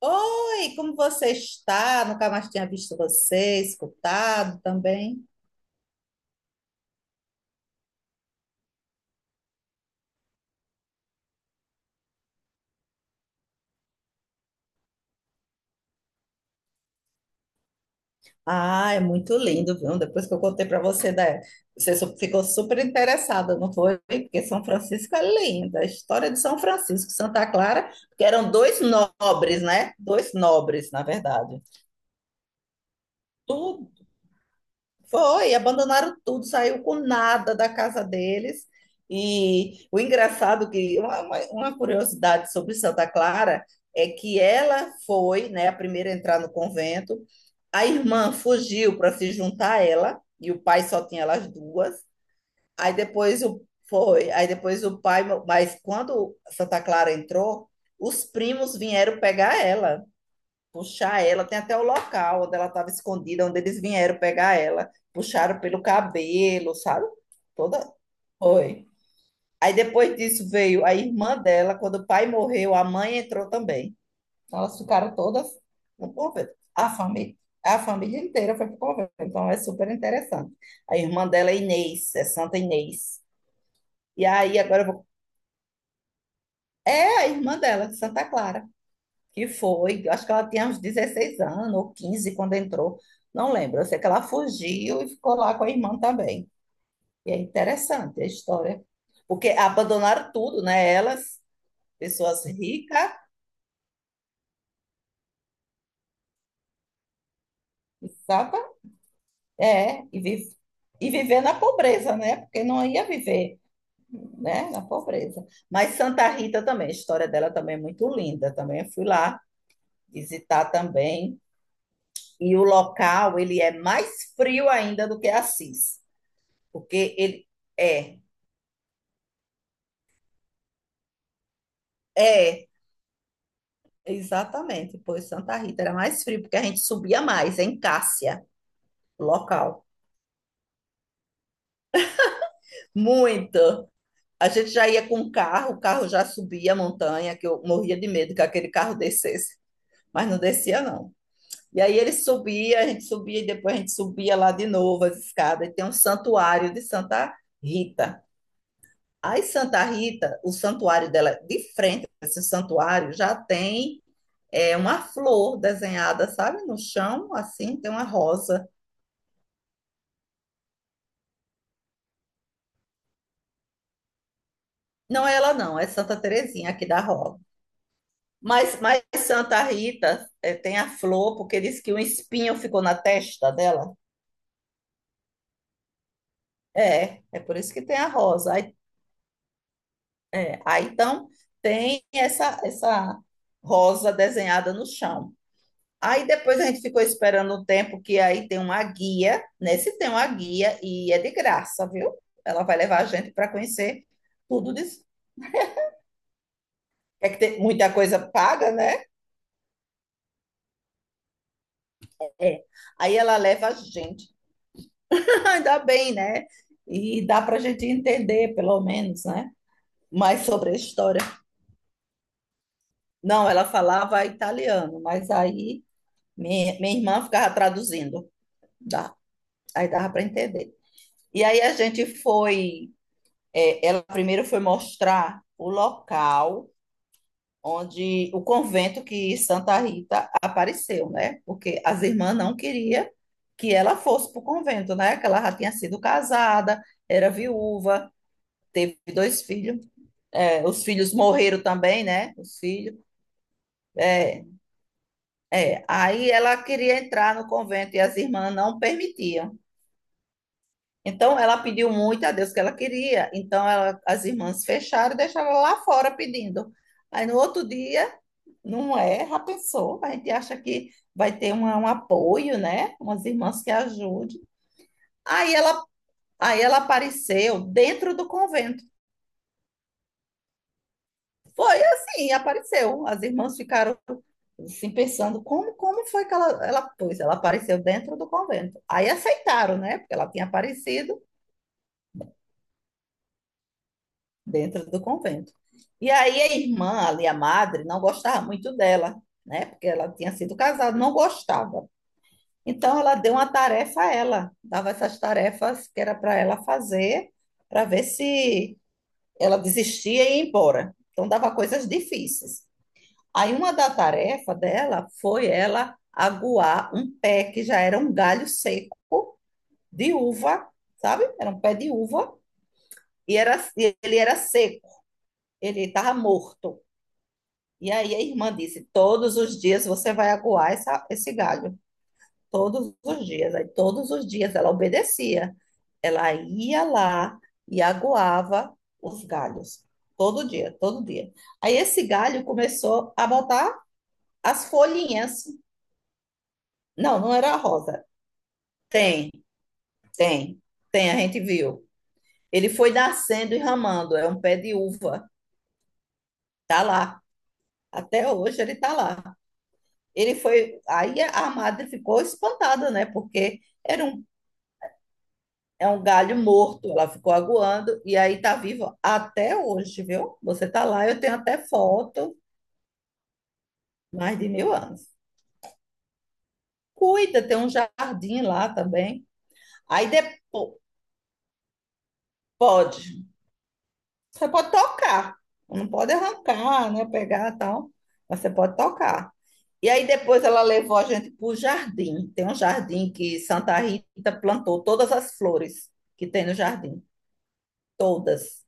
Oi, como você está? Nunca mais tinha visto você, escutado também. Ah, é muito lindo, viu? Depois que eu contei para você, né? Ficou super interessada, não foi? Porque São Francisco é linda. A história de São Francisco, Santa Clara, que eram dois nobres, né? Dois nobres, na verdade. Foi, abandonaram tudo, saiu com nada da casa deles. E o engraçado que uma curiosidade sobre Santa Clara é que ela foi, né, a primeira a entrar no convento. A irmã fugiu para se juntar a ela e o pai só tinha elas duas. Aí depois o Foi, aí depois o pai, mas quando Santa Clara entrou, os primos vieram pegar ela puxar ela, tem até o local onde ela estava escondida, onde eles vieram pegar ela, puxaram pelo cabelo, sabe? Toda. Foi. Aí depois disso veio a irmã dela, quando o pai morreu, a mãe entrou também. Então elas ficaram todas no convento. A família inteira foi para o convento, então é super interessante. A irmã dela é Inês, é Santa Inês. E aí agora eu vou. É a irmã dela, Santa Clara, que foi, eu acho que ela tinha uns 16 anos ou 15 quando entrou, não lembro. Eu sei que ela fugiu e ficou lá com a irmã também. E é interessante a história, porque abandonaram tudo, né? Elas, pessoas ricas, sabe? É, e, vi- e viver na pobreza, né? Porque não ia viver, né? Na pobreza. Mas Santa Rita também, a história dela também é muito linda. Também eu fui lá visitar também. E o local, ele é mais frio ainda do que Assis. Porque ele é, é, Exatamente. Pois Santa Rita era mais frio, porque a gente subia mais em Cássia, local. Muito. A gente já ia com o carro já subia a montanha, que eu morria de medo que aquele carro descesse, mas não descia, não. E aí ele subia, a gente subia e depois a gente subia lá de novo as escadas. E tem um santuário de Santa Rita. Aí Santa Rita, o santuário dela, é de frente a esse santuário, já tem. É uma flor desenhada, sabe, no chão, assim, tem uma rosa. Não é ela, não, é Santa Terezinha aqui da Rosa. Mas Santa Rita tem a flor, porque diz que um espinho ficou na testa dela. É, é por isso que tem a rosa. Então tem essa rosa desenhada no chão. Aí depois a gente ficou esperando um tempo que aí tem uma guia. Nesse tem uma guia e é de graça, viu? Ela vai levar a gente para conhecer tudo disso. É que tem muita coisa paga, né? É. Aí ela leva a gente. Ainda bem, né? E dá para a gente entender, pelo menos, né? Mais sobre a história. Não, ela falava italiano, mas aí minha irmã ficava traduzindo. Dá. Aí dava para entender. E aí a gente foi. É, ela primeiro foi mostrar o local onde o convento que Santa Rita apareceu, né? Porque as irmãs não queriam que ela fosse para o convento, né? Que ela já tinha sido casada, era viúva, teve dois filhos, é, os filhos morreram também, né? Os filhos. É, é. Aí ela queria entrar no convento e as irmãs não permitiam. Então ela pediu muito a Deus que ela queria. As irmãs fecharam e deixaram ela lá fora pedindo. Aí no outro dia, não é? Já pensou? A gente acha que um apoio, né? Umas irmãs que ajudem. Aí ela, Aí ela apareceu dentro do convento. Foi assim, apareceu. As irmãs ficaram assim pensando, como foi que pois, ela apareceu dentro do convento. Aí aceitaram, né? Porque ela tinha aparecido dentro do convento. E aí a irmã ali, a madre, não gostava muito dela, né? Porque ela tinha sido casada, não gostava. Então ela deu uma tarefa a ela, dava essas tarefas que era para ela fazer, para ver se ela desistia e ia embora. Então dava coisas difíceis. Aí uma da tarefa dela foi ela aguar um pé que já era um galho seco de uva, sabe? Era um pé de uva e era e ele era seco, ele estava morto. E aí a irmã disse: "Todos os dias você vai aguar esse galho, todos os dias". Aí todos os dias ela obedecia. Ela ia lá e aguava os galhos. Todo dia, todo dia. Aí esse galho começou a botar as folhinhas. Não, não era rosa. Tem, tem, tem, a gente viu. Ele foi nascendo e ramando, é um pé de uva. Tá lá. Até hoje ele tá lá. Ele foi. Aí a madre ficou espantada, né? É um galho morto, ela ficou aguando, e aí tá vivo até hoje, viu? Você tá lá, eu tenho até foto. Mais de mil anos. Cuida, tem um jardim lá também. Aí depois, pode. Você pode tocar. Não pode arrancar, né? Pegar e tal. Mas você pode tocar. E aí depois ela levou a gente para o jardim. Tem um jardim que Santa Rita plantou todas as flores que tem no jardim. Todas.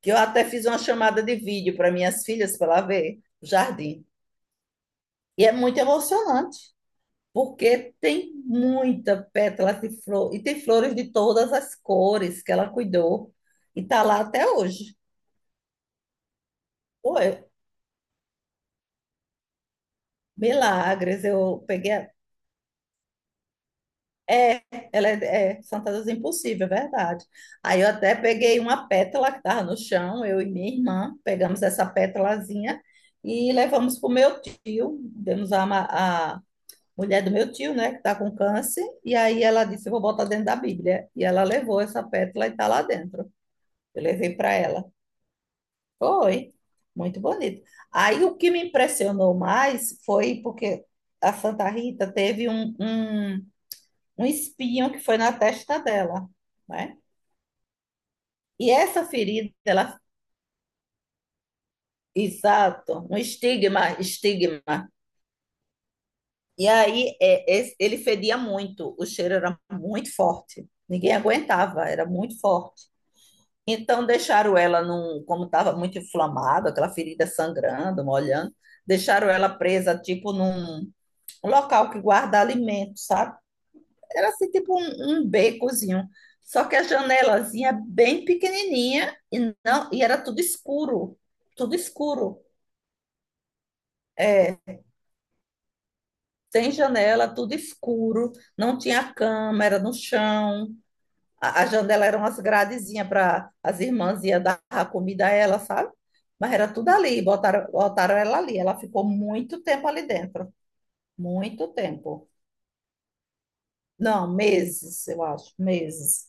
Que eu até fiz uma chamada de vídeo para minhas filhas para ela ver o jardim. E é muito emocionante porque tem muita pétala de flor e tem flores de todas as cores que ela cuidou e tá lá até hoje. Pô, é- Milagres, eu peguei. É, ela é, é Fantasias Impossível, é verdade. Aí eu até peguei uma pétala que estava no chão, eu e minha irmã pegamos essa pétalazinha e levamos para o meu tio, a mulher do meu tio, né, que está com câncer, e aí ela disse: Eu vou botar dentro da Bíblia. E ela levou essa pétala e está lá dentro. Eu levei para ela. Foi, muito bonito. Aí o que me impressionou mais foi porque a Santa Rita teve um espinho que foi na testa dela, né? E essa ferida, ela, exato, um estigma, estigma. Ele fedia muito, o cheiro era muito forte. Ninguém aguentava, era muito forte. Então deixaram ela num, como estava muito inflamado, aquela ferida sangrando, molhando, deixaram ela presa tipo num local que guarda alimento, sabe? Era assim tipo um becozinho. Só que a janelazinha é bem pequenininha e não, e era tudo escuro, tudo escuro. É, sem janela, tudo escuro, não tinha cama, era no chão. A janela era umas gradezinhas para as irmãs iam dar a comida a ela, sabe? Mas era tudo ali, botaram ela ali. Ela ficou muito tempo ali dentro. Muito tempo. Não, meses, eu acho, meses.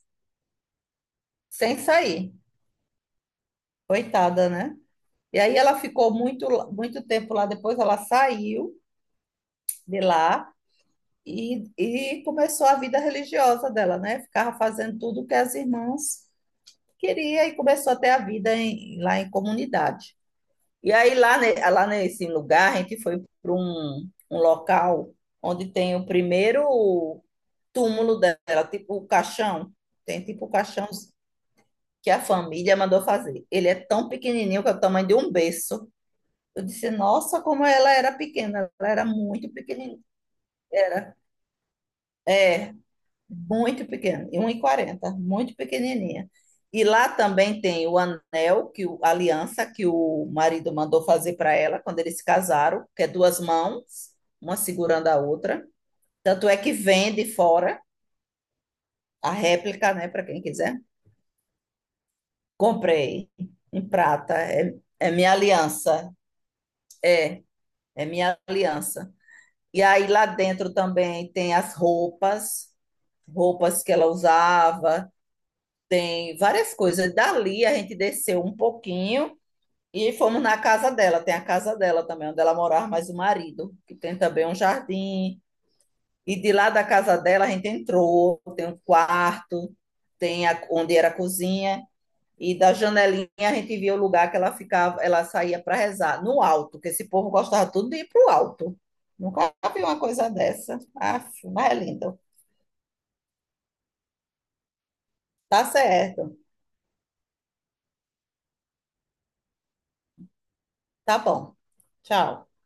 Sem sair. Coitada, né? E aí ela ficou muito, muito tempo lá. Depois ela saiu de lá e começou a vida religiosa dela, né? Ficava fazendo tudo que as irmãs queriam e começou até a lá em comunidade. E aí lá nesse lugar a gente foi para um local onde tem o primeiro túmulo dela, tipo o caixão. Tem tipo o caixão que a família mandou fazer. Ele é tão pequenininho que é o tamanho de um berço. Eu disse, nossa, como ela era pequena. Ela era muito pequenininha. Era. É, muito pequeno, e um e quarenta, muito pequenininha. E lá também tem o anel, que a aliança que o marido mandou fazer para ela quando eles se casaram, que é duas mãos, uma segurando a outra. Tanto é que vende fora a réplica, né, para quem quiser. Comprei em prata, é, é minha aliança, é, é minha aliança. E aí lá dentro também tem as roupas, roupas que ela usava, tem várias coisas. Dali a gente desceu um pouquinho e fomos na casa dela. Tem a casa dela também, onde ela morava mais o marido, que tem também um jardim. E de lá da casa dela a gente entrou, tem um quarto, onde era a cozinha. E da janelinha a gente via o lugar que ela ficava, ela saía para rezar, no alto, que esse povo gostava tudo de ir para o alto. Nunca vi uma coisa dessa. Aff, mas é lindo. Tá certo. Tá bom. Tchau.